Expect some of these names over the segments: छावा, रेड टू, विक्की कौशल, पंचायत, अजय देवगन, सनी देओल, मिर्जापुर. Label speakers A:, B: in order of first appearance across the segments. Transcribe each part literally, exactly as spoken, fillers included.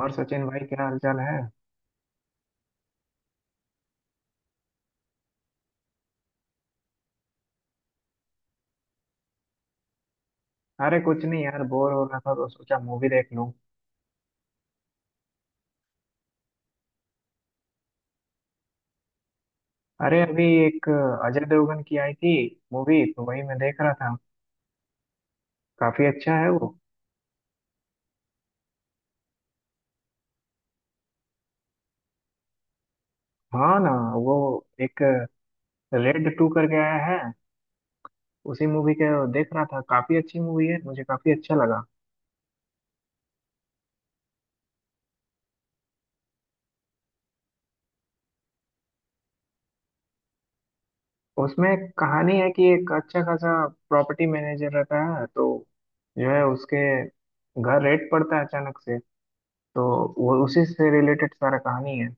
A: और सचिन भाई, क्या हालचाल है? अरे कुछ नहीं यार, बोर हो रहा था तो सोचा मूवी देख लूं। अरे अभी एक अजय देवगन की आई थी, मूवी तो वही मैं देख रहा था। काफी अच्छा है वो। हाँ ना, वो एक रेड टू करके आया है। उसी मूवी के देख रहा था, काफी अच्छी मूवी है, मुझे काफी अच्छा लगा। उसमें कहानी है कि एक अच्छा खासा प्रॉपर्टी मैनेजर रहता है, तो जो है उसके घर रेड पड़ता है अचानक से। तो वो उसी से रिलेटेड सारा कहानी है।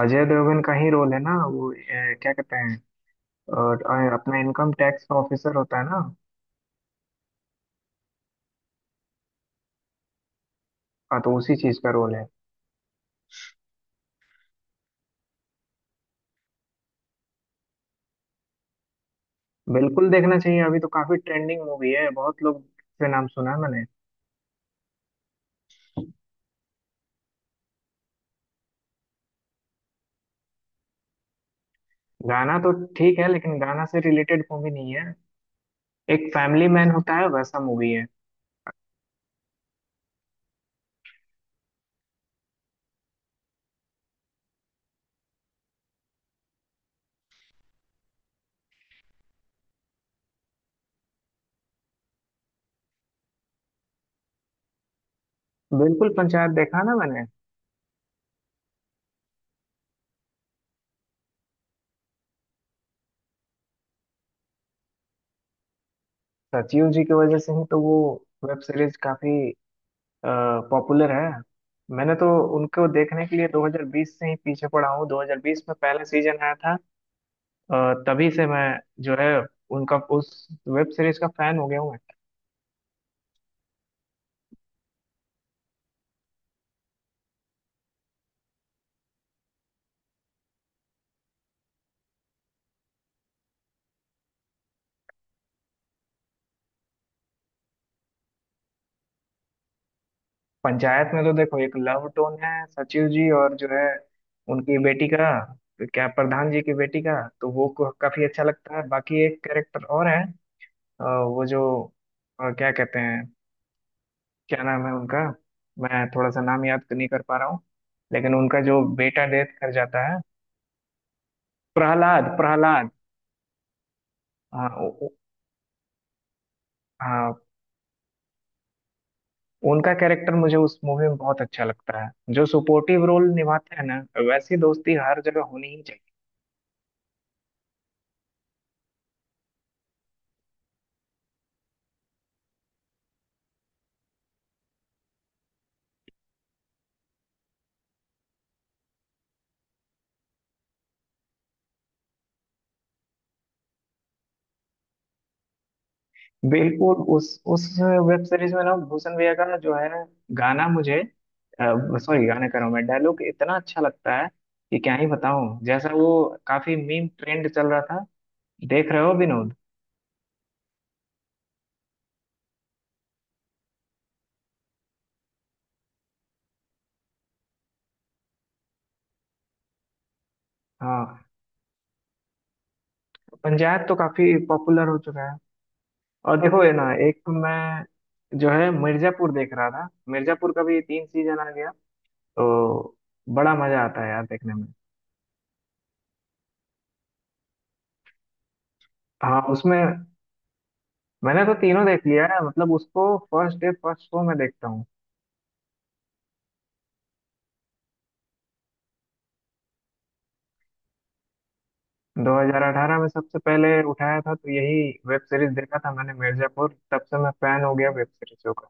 A: अजय देवगन का ही रोल है ना, वो ए, क्या कहते हैं, और अ, अपना इनकम टैक्स ऑफिसर होता है ना। हाँ तो उसी चीज का रोल है। बिल्कुल देखना चाहिए, अभी तो काफी ट्रेंडिंग मूवी है, बहुत लोग से नाम सुना है मैंने। गाना तो ठीक है, लेकिन गाना से रिलेटेड मूवी नहीं है, एक फैमिली मैन होता है वैसा मूवी है। बिल्कुल, पंचायत देखा ना मैंने। सचिव जी की वजह से ही तो वो वेब सीरीज काफी पॉपुलर है। मैंने तो उनको देखने के लिए दो हज़ार बीस से ही पीछे पड़ा हूँ, दो हज़ार बीस में पहला सीजन आया था। अ, तभी से मैं जो है उनका, उस वेब सीरीज का फैन हो गया हूँ मैं। पंचायत में तो देखो, एक लव टोन है सचिव जी और जो है उनकी बेटी का, क्या प्रधान जी की बेटी का। तो वो को- काफी अच्छा लगता है। बाकी एक कैरेक्टर और है, अ, वो जो अ, क्या कहते हैं, क्या नाम है उनका, मैं थोड़ा सा नाम याद नहीं कर पा रहा हूँ। लेकिन उनका जो बेटा डेथ कर जाता है। प्रहलाद, प्रहलाद। हाँ, उ- उ- हाँ, उनका कैरेक्टर मुझे उस मूवी में बहुत अच्छा लगता है, जो सपोर्टिव रोल निभाते हैं ना। वैसी दोस्ती हर जगह होनी ही चाहिए। बिल्कुल उस उस वेब सीरीज में ना, भूषण भैया का ना, जो है ना गाना मुझे, सॉरी गाना कह रहा हूँ मैं, डायलॉग इतना अच्छा लगता है कि क्या ही बताऊं। जैसा वो काफी मीम ट्रेंड चल रहा था, देख रहे हो विनोद। हाँ, पंचायत तो काफी पॉपुलर हो चुका है। और देखो ये ना, एक तो मैं जो है मिर्जापुर देख रहा था, मिर्जापुर का भी तीन सीजन आ गया तो बड़ा मजा आता है यार देखने में। हाँ उसमें मैंने तो तीनों देख लिया है, मतलब उसको फर्स्ट डे फर्स्ट शो में देखता हूँ। दो हज़ार अठारह में सबसे पहले उठाया था तो यही वेब सीरीज देखा था मैंने मिर्जापुर, तब से मैं फैन हो गया वेब सीरीजों का।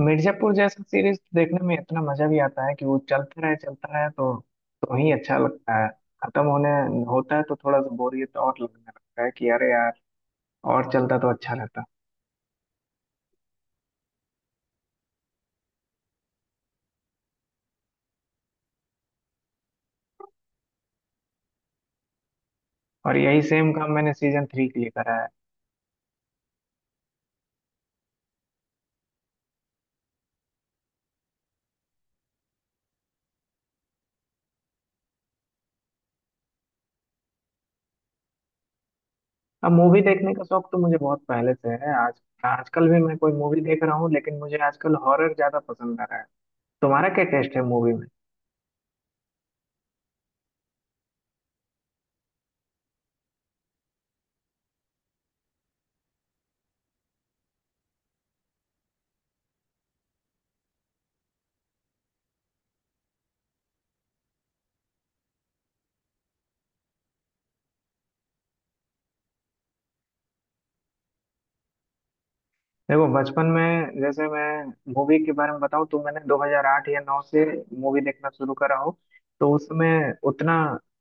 A: मिर्जापुर जैसा सीरीज देखने में इतना मजा भी आता है कि वो चलता रहे चलता रहे, तो तो ही अच्छा लगता है। खत्म होने होता है तो थोड़ा सा बोरियत और लगने लगता है कि अरे यार, और चलता तो अच्छा रहता। और यही सेम काम मैंने सीजन थ्री के लिए करा है। अब मूवी देखने का शौक तो मुझे बहुत पहले से है। आज आजकल भी मैं कोई मूवी देख रहा हूँ, लेकिन मुझे आजकल हॉरर ज्यादा पसंद आ रहा है। तुम्हारा क्या टेस्ट है मूवी में? देखो बचपन में, जैसे मैं मूवी के बारे में बताऊँ, तो मैंने दो हज़ार आठ या नौ से मूवी देखना शुरू करा हो। तो उसमें उतना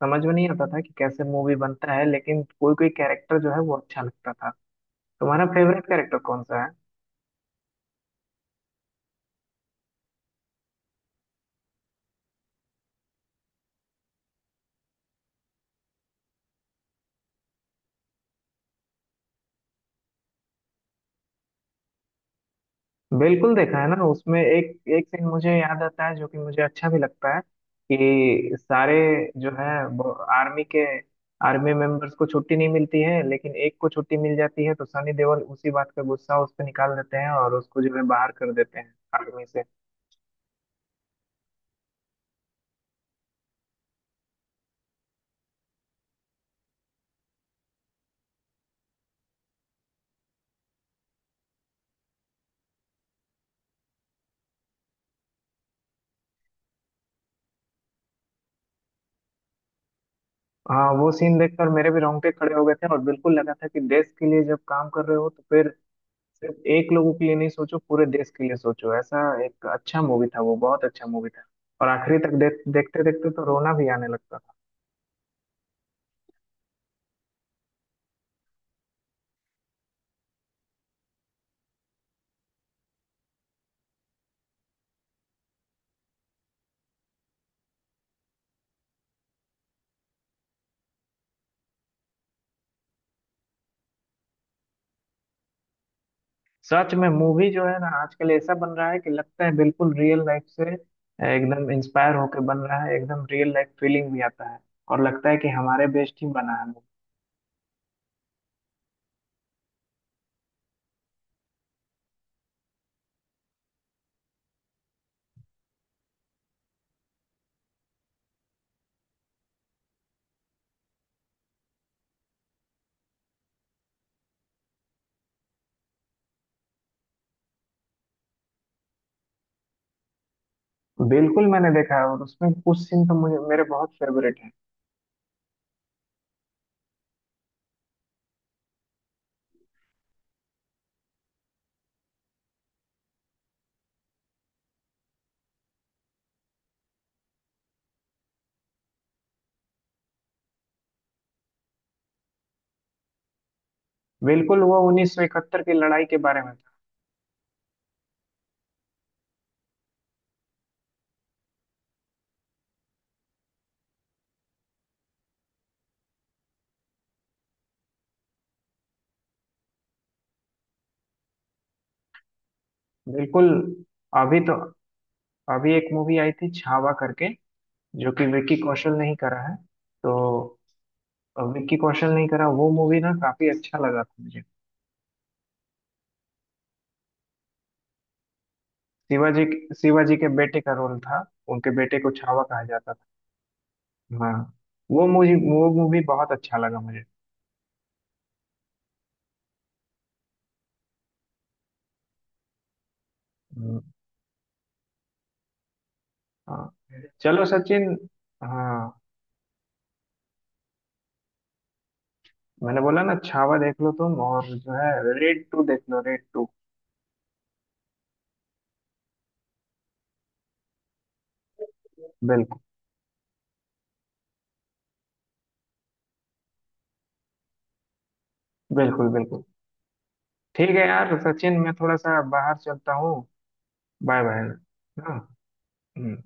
A: समझ में नहीं आता था कि कैसे मूवी बनता है, लेकिन कोई कोई कैरेक्टर जो है वो अच्छा लगता था। तुम्हारा फेवरेट कैरेक्टर कौन सा है? बिल्कुल देखा है ना, उसमें एक एक सीन मुझे याद आता है जो कि मुझे अच्छा भी लगता है, कि सारे जो है आर्मी के, आर्मी मेंबर्स को छुट्टी नहीं मिलती है, लेकिन एक को छुट्टी मिल जाती है तो सनी देओल उसी बात का गुस्सा उस पर निकाल देते हैं और उसको जो है बाहर कर देते हैं आर्मी से। हाँ वो सीन देखकर मेरे भी रोंगटे खड़े हो गए थे, और बिल्कुल लगा था कि देश के लिए जब काम कर रहे हो तो फिर सिर्फ एक लोगों के लिए नहीं सोचो, पूरे देश के लिए सोचो। ऐसा एक अच्छा मूवी था वो, बहुत अच्छा मूवी था। और आखिरी तक देख देखते देखते तो रोना भी आने लगता था। सच में मूवी जो है ना आजकल ऐसा बन रहा है कि लगता है बिल्कुल रियल लाइफ से एकदम इंस्पायर होके बन रहा है, एकदम रियल लाइफ फीलिंग भी आता है। और लगता है कि हमारे बेस्ट ही बना है movie। बिल्कुल, मैंने देखा है, और उसमें कुछ सीन तो मुझे मेरे बहुत फेवरेट है। बिल्कुल वो उन्नीस सौ इकहत्तर की लड़ाई के बारे में था। बिल्कुल, अभी तो अभी एक मूवी आई थी छावा करके, जो कि विक्की कौशल ने ही करा है, तो अ, विक्की कौशल ने ही करा वो मूवी ना, काफी अच्छा लगा था मुझे। शिवाजी, शिवाजी के बेटे का रोल था, उनके बेटे को छावा कहा जाता था। हाँ। वो मुझे वो मूवी बहुत अच्छा लगा मुझे। हम्म, हाँ। चलो सचिन, हाँ, मैंने बोला ना छावा देख लो तुम, और जो है रेड टू देख लो, रेड टू। बिल्कुल, बिल्कुल, बिल्कुल। ठीक है यार सचिन, मैं थोड़ा सा बाहर चलता हूँ। Bye bye. हाँ। हम्म।